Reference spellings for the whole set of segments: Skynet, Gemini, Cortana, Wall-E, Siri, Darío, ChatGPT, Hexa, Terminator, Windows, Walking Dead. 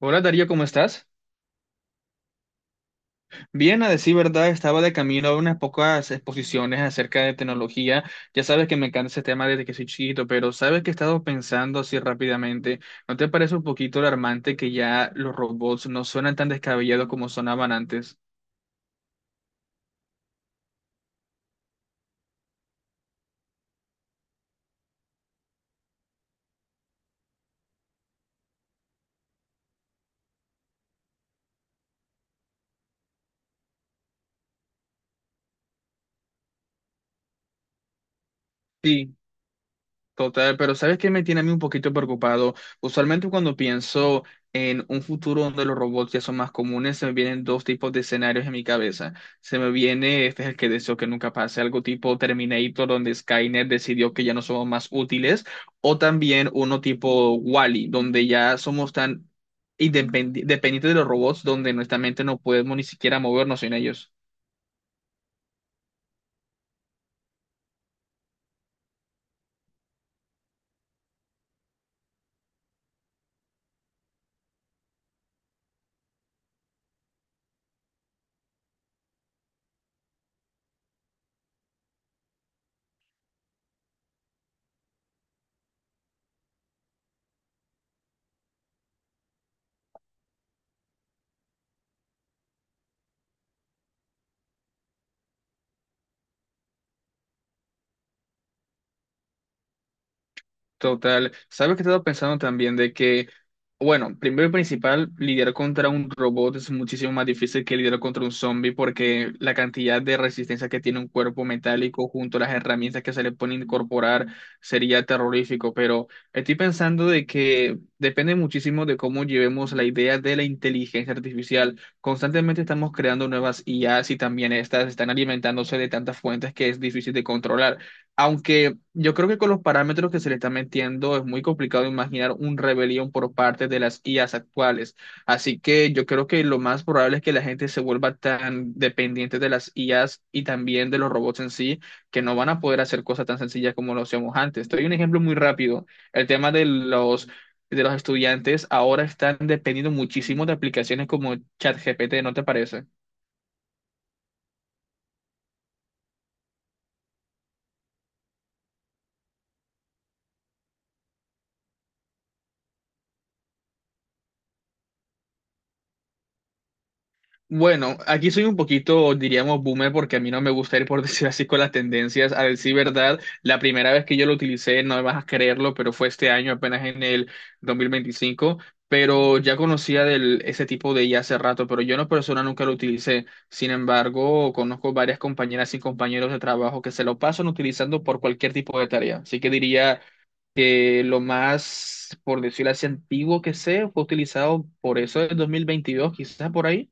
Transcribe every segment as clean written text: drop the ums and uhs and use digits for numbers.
Hola Darío, ¿cómo estás? Bien, a decir verdad, estaba de camino a unas pocas exposiciones acerca de tecnología. Ya sabes que me encanta ese tema desde que soy chiquito, pero sabes que he estado pensando así rápidamente. ¿No te parece un poquito alarmante que ya los robots no suenan tan descabellados como sonaban antes? Sí. Total, pero ¿sabes qué me tiene a mí un poquito preocupado? Usualmente cuando pienso en un futuro donde los robots ya son más comunes, se me vienen dos tipos de escenarios en mi cabeza. Se me viene, este es el que deseo que nunca pase, algo tipo Terminator, donde Skynet decidió que ya no somos más útiles, o también uno tipo Wall-E, donde ya somos tan dependientes de los robots, donde nuestra mente no podemos ni siquiera movernos sin ellos. Total. ¿Sabes que he estado pensando también de que, bueno, primero y principal, lidiar contra un robot es muchísimo más difícil que lidiar contra un zombie porque la cantidad de resistencia que tiene un cuerpo metálico junto a las herramientas que se le pueden incorporar sería terrorífico? Pero estoy pensando de que depende muchísimo de cómo llevemos la idea de la inteligencia artificial. Constantemente estamos creando nuevas IAs y también estas están alimentándose de tantas fuentes que es difícil de controlar. Aunque yo creo que con los parámetros que se le están metiendo es muy complicado imaginar un rebelión por parte de las IAs actuales. Así que yo creo que lo más probable es que la gente se vuelva tan dependiente de las IAs y también de los robots en sí, que no van a poder hacer cosas tan sencillas como lo hacíamos antes. Te doy un ejemplo muy rápido. El tema de los estudiantes ahora están dependiendo muchísimo de aplicaciones como ChatGPT, ¿no te parece? Bueno, aquí soy un poquito, diríamos, boomer porque a mí no me gusta ir por decir así con las tendencias. A decir verdad, la primera vez que yo lo utilicé, no me vas a creerlo, pero fue este año, apenas en el 2025. Pero ya conocía del, ese tipo de IA hace rato, pero yo en lo personal nunca lo utilicé. Sin embargo, conozco varias compañeras y compañeros de trabajo que se lo pasan utilizando por cualquier tipo de tarea. Así que diría que lo más, por decirlo así, antiguo que sé fue utilizado por eso del 2022, quizás por ahí.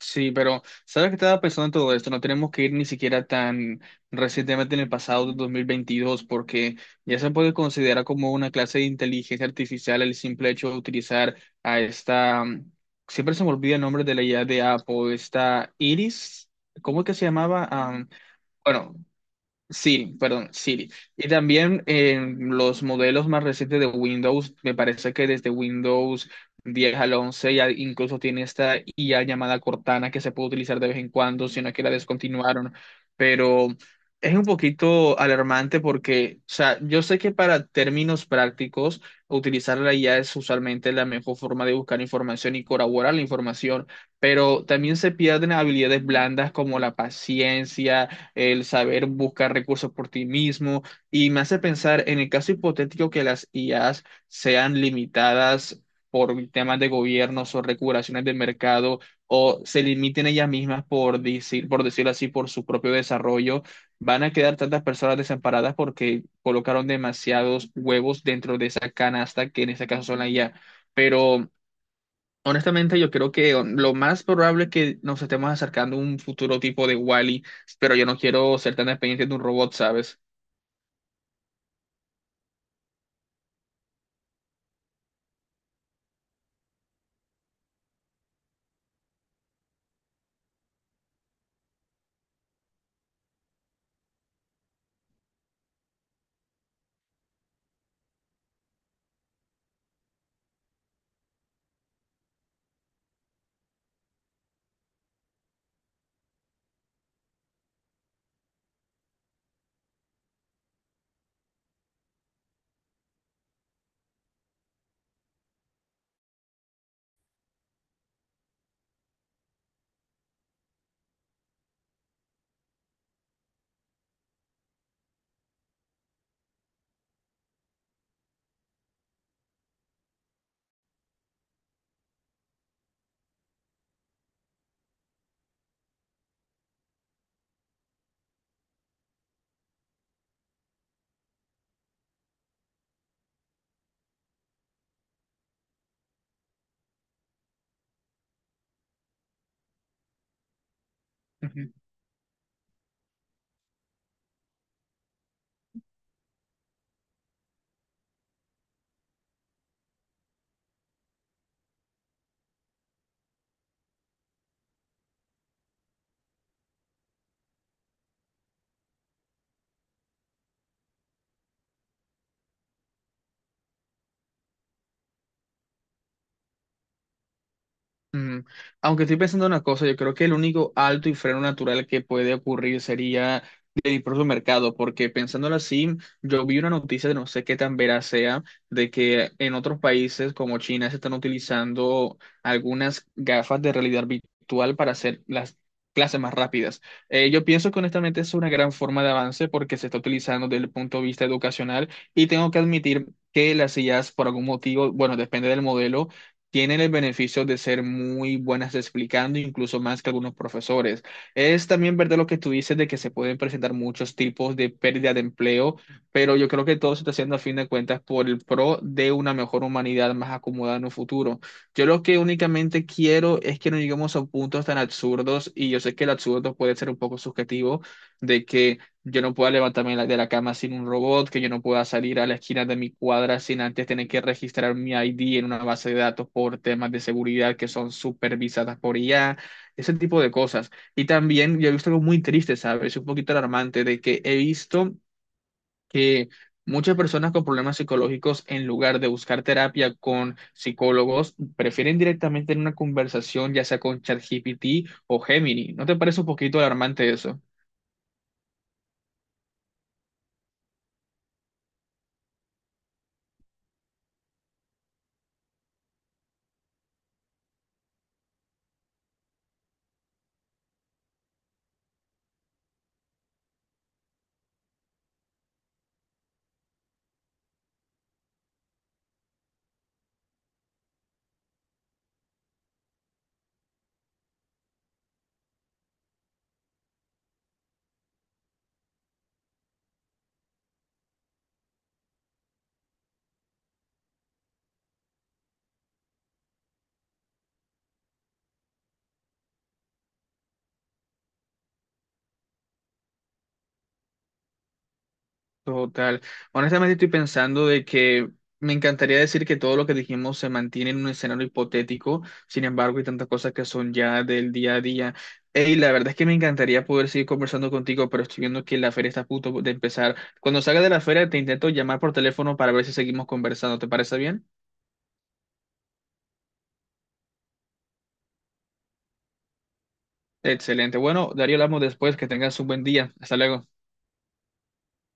Sí, pero ¿sabes qué estaba pensando en todo esto? No tenemos que ir ni siquiera tan recientemente en el pasado de 2022, porque ya se puede considerar como una clase de inteligencia artificial el simple hecho de utilizar a esta, siempre se me olvida el nombre de la IA de Apple, esta Iris, ¿cómo es que se llamaba? Bueno, Siri, perdón, Siri. Y también en los modelos más recientes de Windows, me parece que desde Windows 10 al 11 ya incluso tiene esta IA llamada Cortana que se puede utilizar de vez en cuando, sino que la descontinuaron. Pero es un poquito alarmante porque, o sea, yo sé que para términos prácticos, utilizar la IA es usualmente la mejor forma de buscar información y corroborar la información, pero también se pierden habilidades blandas como la paciencia, el saber buscar recursos por ti mismo, y me hace pensar en el caso hipotético que las IAs sean limitadas por temas de gobiernos o regulaciones del mercado, o se limiten ellas mismas por decir, por decirlo así, por su propio desarrollo, van a quedar tantas personas desamparadas porque colocaron demasiados huevos dentro de esa canasta que en este caso son la IA. Pero honestamente, yo creo que lo más probable es que nos estemos acercando a un futuro tipo de Wall-E, pero yo no quiero ser tan dependiente de un robot, ¿sabes? Mm, Aunque estoy pensando una cosa, yo creo que el único alto y freno natural que puede ocurrir sería del propio mercado, porque pensándolo así, yo vi una noticia de no sé qué tan veraz sea, de que en otros países como China se están utilizando algunas gafas de realidad virtual para hacer las clases más rápidas. Yo pienso que honestamente es una gran forma de avance porque se está utilizando desde el punto de vista educacional y tengo que admitir que las sillas por algún motivo, bueno, depende del modelo, tienen el beneficio de ser muy buenas explicando, incluso más que algunos profesores. Es también verdad lo que tú dices de que se pueden presentar muchos tipos de pérdida de empleo, pero yo creo que todo se está haciendo a fin de cuentas por el pro de una mejor humanidad más acomodada en un futuro. Yo lo que únicamente quiero es que no lleguemos a puntos tan absurdos, y yo sé que el absurdo puede ser un poco subjetivo, de que yo no pueda levantarme de la cama sin un robot, que yo no pueda salir a la esquina de mi cuadra sin antes tener que registrar mi ID en una base de datos por temas de seguridad que son supervisadas por IA, ese tipo de cosas. Y también yo he visto algo muy triste, ¿sabes? Un poquito alarmante de que he visto que muchas personas con problemas psicológicos, en lugar de buscar terapia con psicólogos, prefieren directamente en una conversación, ya sea con ChatGPT o Gemini. ¿No te parece un poquito alarmante eso? Total. Honestamente estoy pensando de que me encantaría decir que todo lo que dijimos se mantiene en un escenario hipotético, sin embargo hay tantas cosas que son ya del día a día. Y la verdad es que me encantaría poder seguir conversando contigo, pero estoy viendo que la feria está a punto de empezar. Cuando salga de la feria te intento llamar por teléfono para ver si seguimos conversando. ¿Te parece bien? Excelente. Bueno, Darío, hablamos después. Que tengas un buen día. Hasta luego.